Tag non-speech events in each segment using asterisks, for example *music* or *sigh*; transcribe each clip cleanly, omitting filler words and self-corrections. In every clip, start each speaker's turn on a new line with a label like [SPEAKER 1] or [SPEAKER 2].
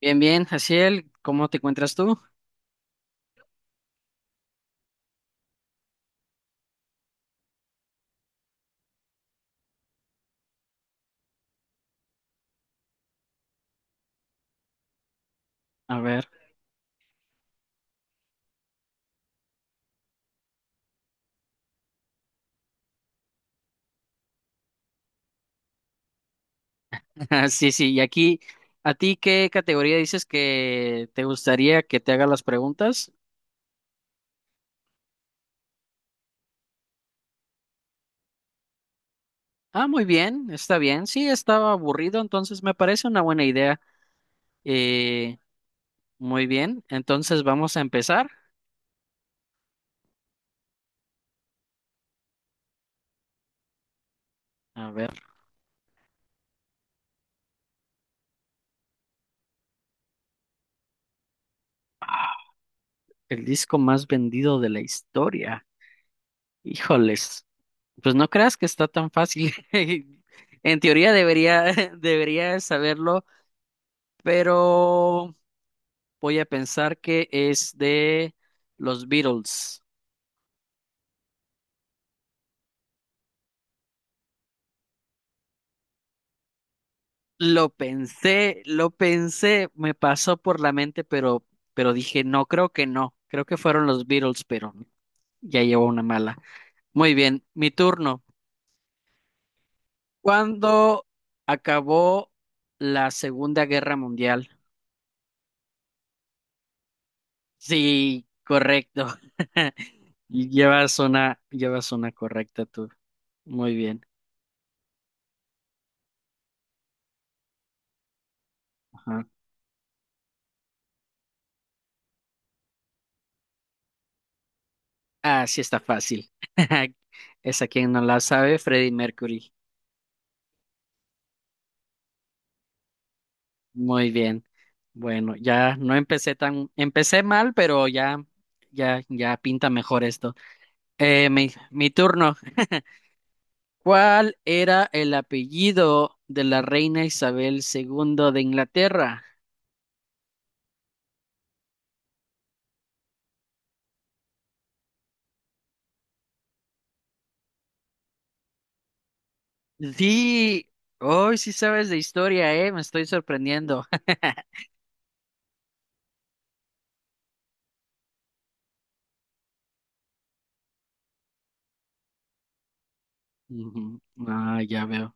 [SPEAKER 1] Bien, bien, Jaciel, ¿cómo te encuentras tú? A ver, *laughs* sí, sí, y aquí, ¿a ti qué categoría dices que te gustaría que te haga las preguntas? Ah, muy bien, está bien, sí, estaba aburrido, entonces me parece una buena idea. Eh, Muy bien, entonces vamos a empezar. A ver, ah, el disco más vendido de la historia. Híjoles, pues no creas que está tan fácil. *laughs* En teoría debería, *laughs* debería saberlo, pero... Voy a pensar que es de los Beatles. Lo pensé, me pasó por la mente, pero dije, no, creo que no. Creo que fueron los Beatles, pero ya llevo una mala. Muy bien, mi turno. ¿Cuándo acabó la Segunda Guerra Mundial? Sí, correcto. *laughs* Llevas una correcta tú. Muy bien. Ajá. Ah, sí está fácil. *laughs* Esa quien no la sabe, Freddie Mercury. Muy bien. Bueno, ya no empecé tan, empecé mal, pero ya, ya, ya pinta mejor esto. Mi turno. ¿Cuál era el apellido de la reina Isabel II de Inglaterra? Sí, hoy sí sabes de historia, me estoy sorprendiendo. *laughs* Ujú. Ah, ya veo.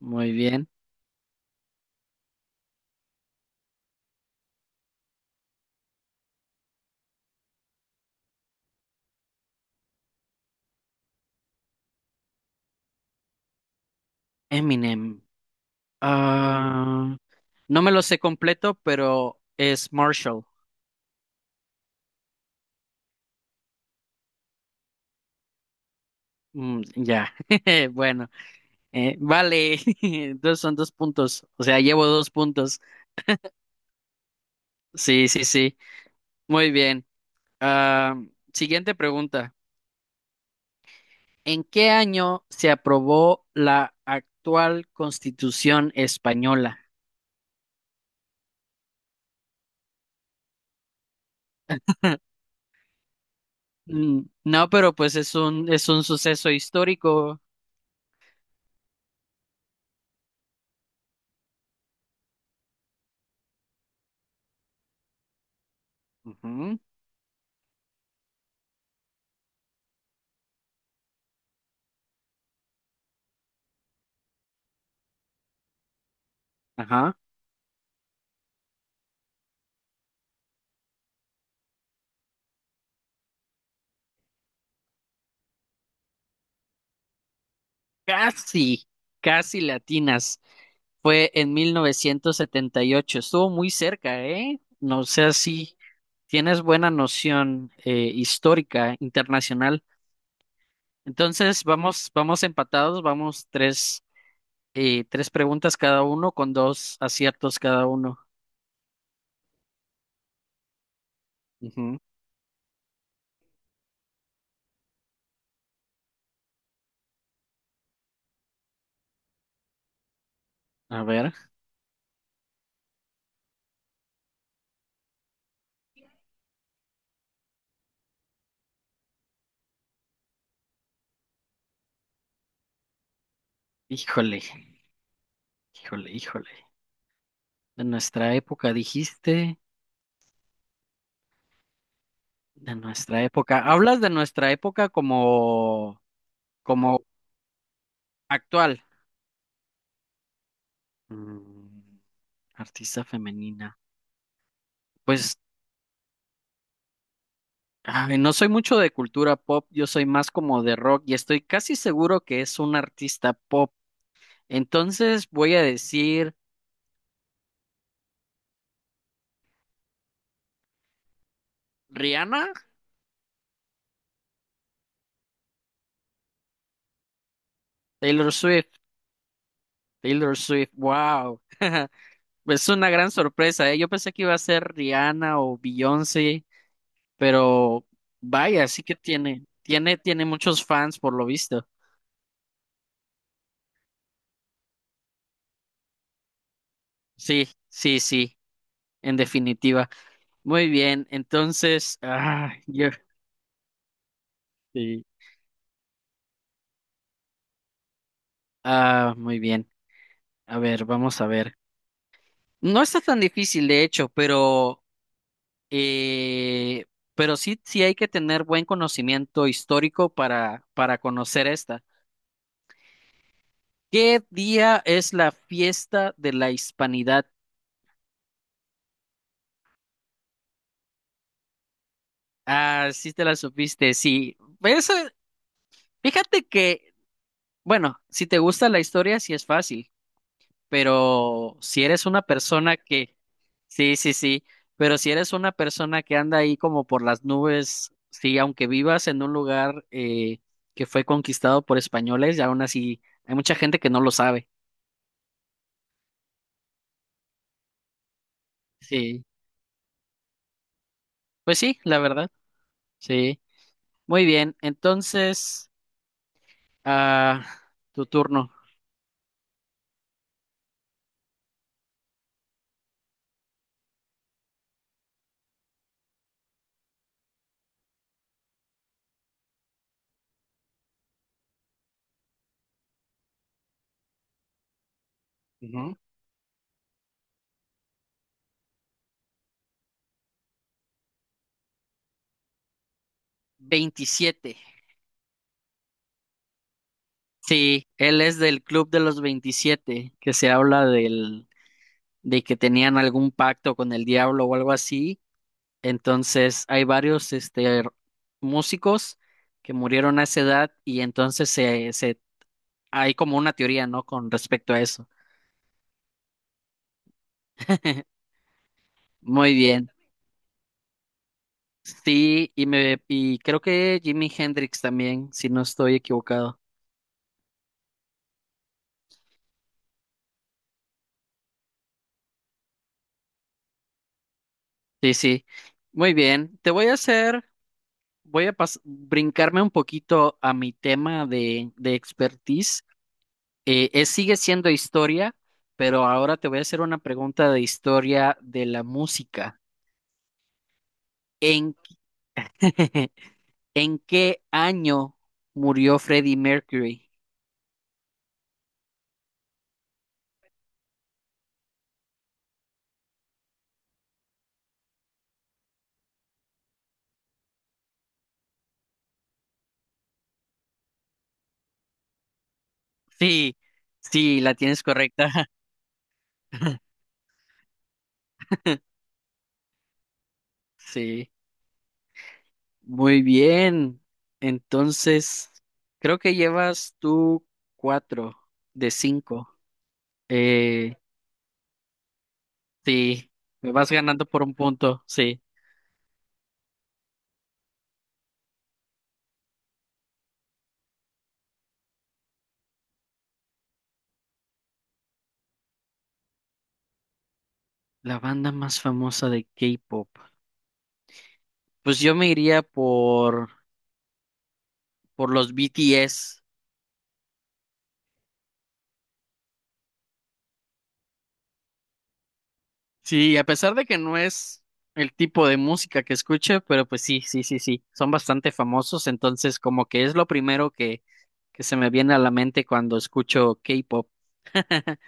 [SPEAKER 1] Muy bien. Eminem. Ah, no me lo sé completo, pero es Marshall. Ya, *laughs* bueno, vale, *laughs* entonces son dos puntos, o sea, llevo dos puntos. Sí, sí, sí, muy bien. Ah, siguiente pregunta. ¿En qué año se aprobó la actual Constitución española? Mm, no, pero pues es un suceso histórico. Ujú, ajá. Casi, casi latinas. Fue en 1978. Estuvo muy cerca, ¿eh? No sé si tienes buena noción histórica, internacional. Entonces, vamos, vamos empatados, vamos tres, tres preguntas cada uno con dos aciertos cada uno. Ujú. A ver, híjole, híjole, híjole. De nuestra época dijiste, de nuestra época. Hablas de nuestra época como actual. Mm, Artista femenina. Pues, ay, no soy mucho de cultura pop, yo soy más como de rock y estoy casi seguro que es un artista pop. Entonces voy a decir Rihanna, Taylor Swift, Taylor Swift, wow. *laughs* Es una gran sorpresa, ¿eh? Yo pensé que iba a ser Rihanna o Beyoncé, pero vaya, sí que tiene muchos fans por lo visto. Sí, sí, sí, en definitiva. Muy bien, entonces, sí, muy bien. A ver, vamos a ver. No está tan difícil, de hecho, eh, pero sí, sí hay que tener buen conocimiento histórico para conocer esta. ¿Qué día es la fiesta de la Hispanidad? Ah, sí te la supiste, sí. Eso, fíjate que, bueno, si te gusta la historia, sí es fácil. Pero si eres una persona que, sí, sí, sí, pero si eres una persona que anda ahí como por las nubes, sí, aunque vivas en un lugar que fue conquistado por españoles, y aún así hay mucha gente que no lo sabe. Sí, pues sí, la verdad, sí. Muy bien, entonces, ah, tu turno. Ujú. 27. Sí, él es del Club de los 27 que se habla del, de que tenían algún pacto con el diablo o algo así. Entonces, hay varios este, músicos que murieron a esa edad y entonces hay como una teoría, ¿no? Con respecto a eso. *laughs* Muy bien. Sí, y creo que Jimi Hendrix también, si no estoy equivocado. Sí, sí. Muy bien. Te voy a hacer, Voy a brincarme un poquito a mi tema de expertise. Sigue siendo historia, pero ahora te voy a hacer una pregunta de historia de la música. ¿En *laughs* ¿En qué año murió Freddie Mercury? Sí, sí, la tienes correcta. *laughs* Sí, muy bien. Entonces, creo que llevas tú cuatro de cinco. Eh, sí, me vas ganando por un punto. Sí, la banda más famosa de K-pop. Pues yo me iría por los BTS. Sí, a pesar de que no es el tipo de música que escuche, pero pues sí, sí, sí, sí, son bastante famosos, entonces como que es lo primero que se me viene a la mente cuando escucho K-pop. *laughs*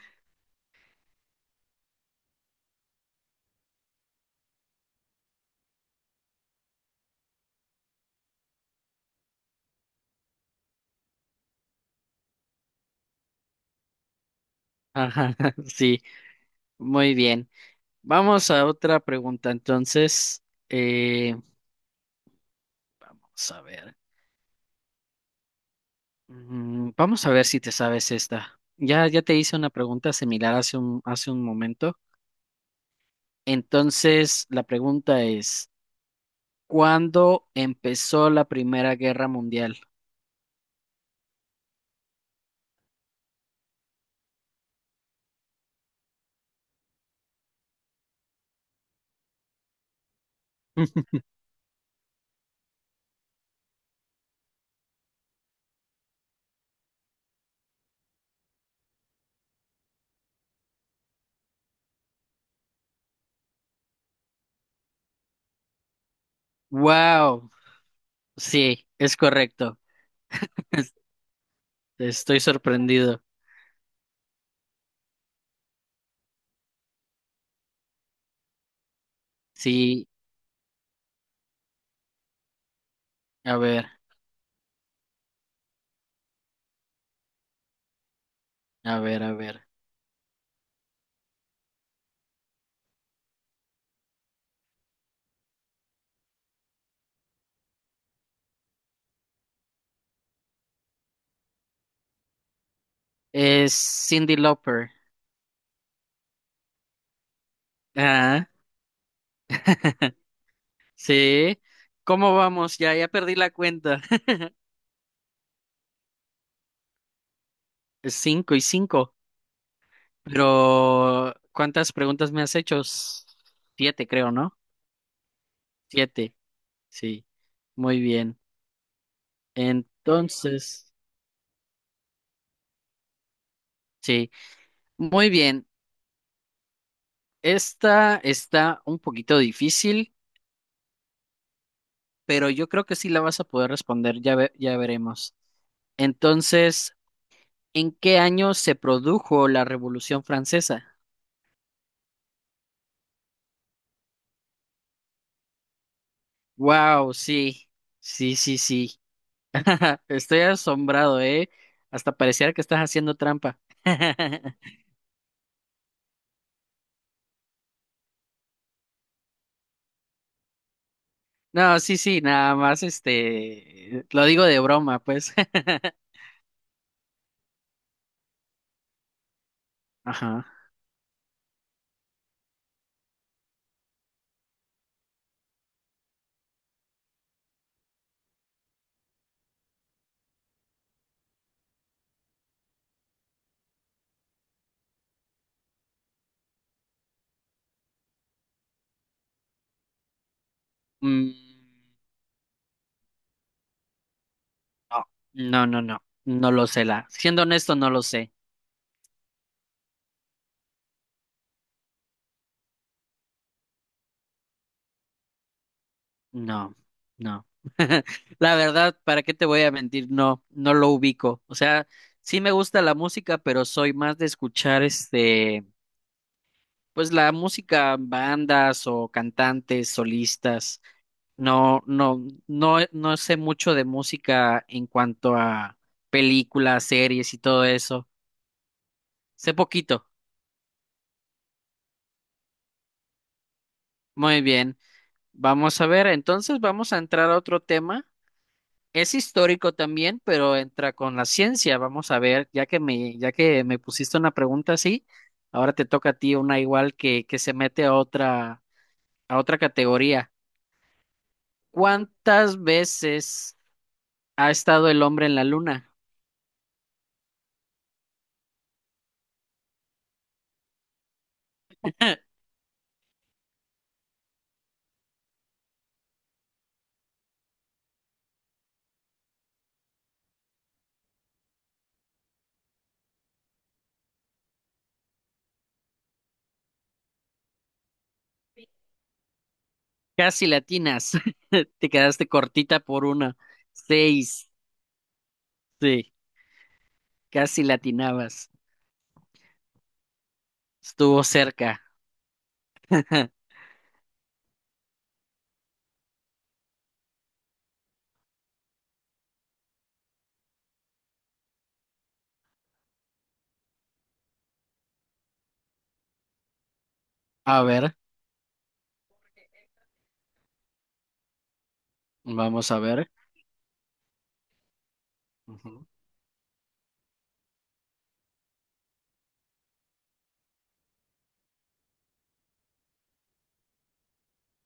[SPEAKER 1] Ajá, *laughs* sí, muy bien. Vamos a otra pregunta, entonces, eh, vamos a ver. Vamos a ver si te sabes esta. Ya, ya te hice una pregunta similar hace un momento, entonces la pregunta es... ¿Cuándo empezó la Primera Guerra Mundial? *laughs* Wow, sí, es correcto. Es- Estoy sorprendido. Sí, a ver, a ver, a ver. Es Cindy Lauper. Ah, sí. ¿Cómo vamos? Ya, ya perdí la cuenta. *laughs* Es cinco y cinco. Pero, ¿cuántas preguntas me has hecho? Siete, creo, ¿no? Siete, sí. Muy bien. Entonces, sí. Muy bien. Esta está un poquito difícil, pero yo creo que sí la vas a poder responder, ya veremos. Entonces, ¿en qué año se produjo la Revolución Francesa? Wow, sí, sí, sí, sí. *laughs* Estoy asombrado, ¿eh? Hasta pareciera que estás haciendo trampa. *laughs* No, sí, sí, nada más, este, lo digo de broma, pues. *laughs* Ajá. Mm, no, no, no, no, no lo sé, la. Siendo honesto, no lo sé. No, no. *laughs* La verdad, ¿para qué te voy a mentir? No, no lo ubico. O sea, sí me gusta la música, pero soy más de escuchar este, pues la música, bandas o cantantes, solistas. No, no, no, no sé mucho de música en cuanto a películas, series y todo eso. Sé poquito. Muy bien. Vamos a ver, entonces vamos a entrar a otro tema. Es histórico también, pero entra con la ciencia. Vamos a ver, ya que me pusiste una pregunta así, ahora te toca a ti una igual que se mete a otra categoría. ¿Cuántas veces ha estado el hombre en la luna? Casi latinas. *laughs* Te quedaste cortita por una. Seis. Sí, casi latinabas. Estuvo cerca. *laughs* A ver, vamos a ver. Ujú.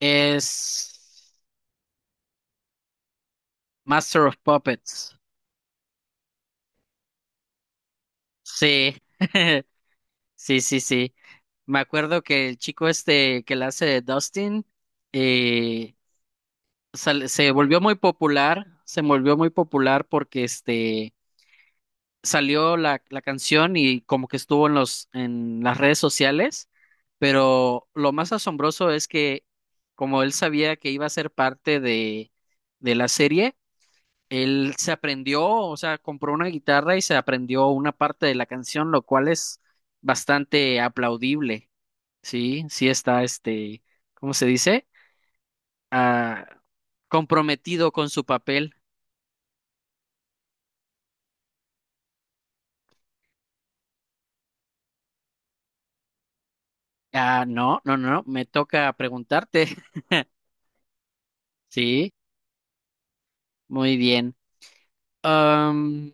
[SPEAKER 1] Es Master of Puppets. Sí, *laughs* sí, sí, sí. Me acuerdo que el chico este que la hace de Dustin eh, se volvió muy popular, se volvió muy popular porque este salió la canción y como que estuvo en los en las redes sociales, pero lo más asombroso es que como él sabía que iba a ser parte de la serie él se aprendió, o sea, compró una guitarra y se aprendió una parte de la canción, lo cual es bastante aplaudible, ¿sí? Sí está, este, ¿cómo se dice? Ah, comprometido con su papel. Ah, no, no, no, me toca preguntarte. *laughs* Sí, muy bien. Am,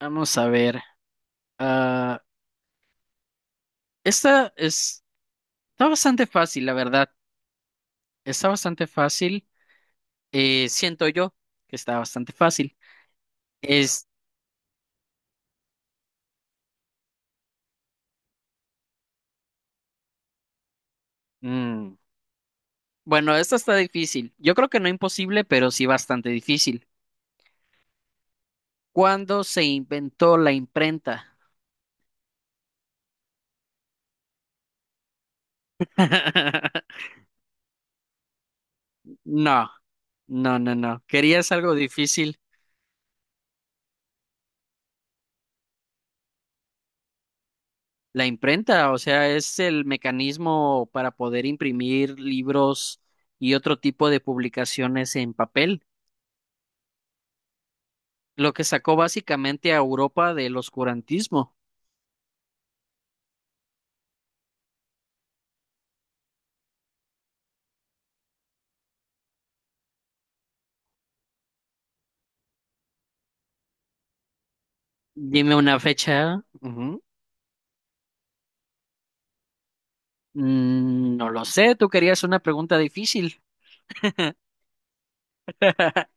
[SPEAKER 1] Vamos a ver. Ah, esta es, está bastante fácil, la verdad. Está bastante fácil. Siento yo que está bastante fácil. Es, mm, Bueno, esta está difícil. Yo creo que no imposible, pero sí bastante difícil. ¿Cuándo se inventó la imprenta? *laughs* No, no, no, no. ¿Querías algo difícil? La imprenta, o sea, es el mecanismo para poder imprimir libros y otro tipo de publicaciones en papel, lo que sacó básicamente a Europa del oscurantismo. Dime una fecha. Ujú. No lo sé, tú querías una pregunta difícil. *laughs*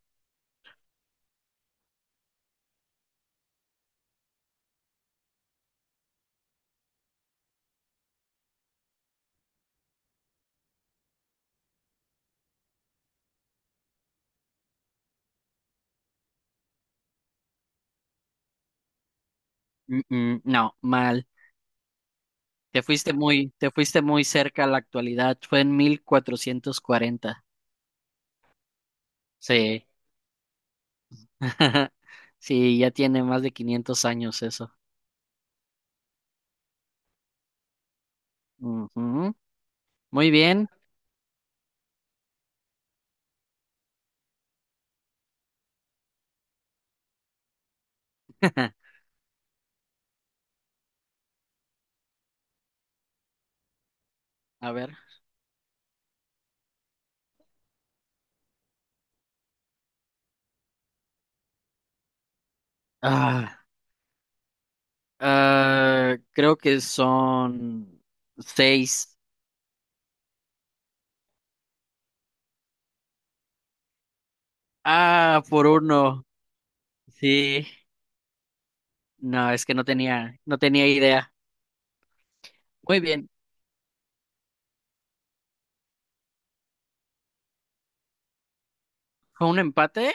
[SPEAKER 1] No, mal. Te fuiste muy cerca a la actualidad. Fue en 1440. Sí. *laughs* Sí, ya tiene más de 500 años eso. Ujú. Muy bien. *laughs* A ver. Ah, Creo que son seis. Ah, por uno. Sí. No, es que no tenía idea. Muy bien. ¿Fue un empate?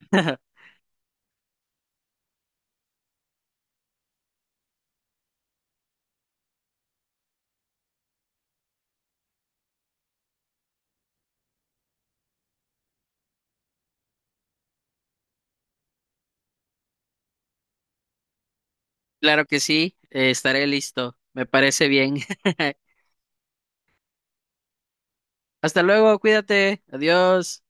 [SPEAKER 1] *laughs* Claro que sí. Estaré listo. Me parece bien. *laughs* Hasta luego, cuídate, adiós.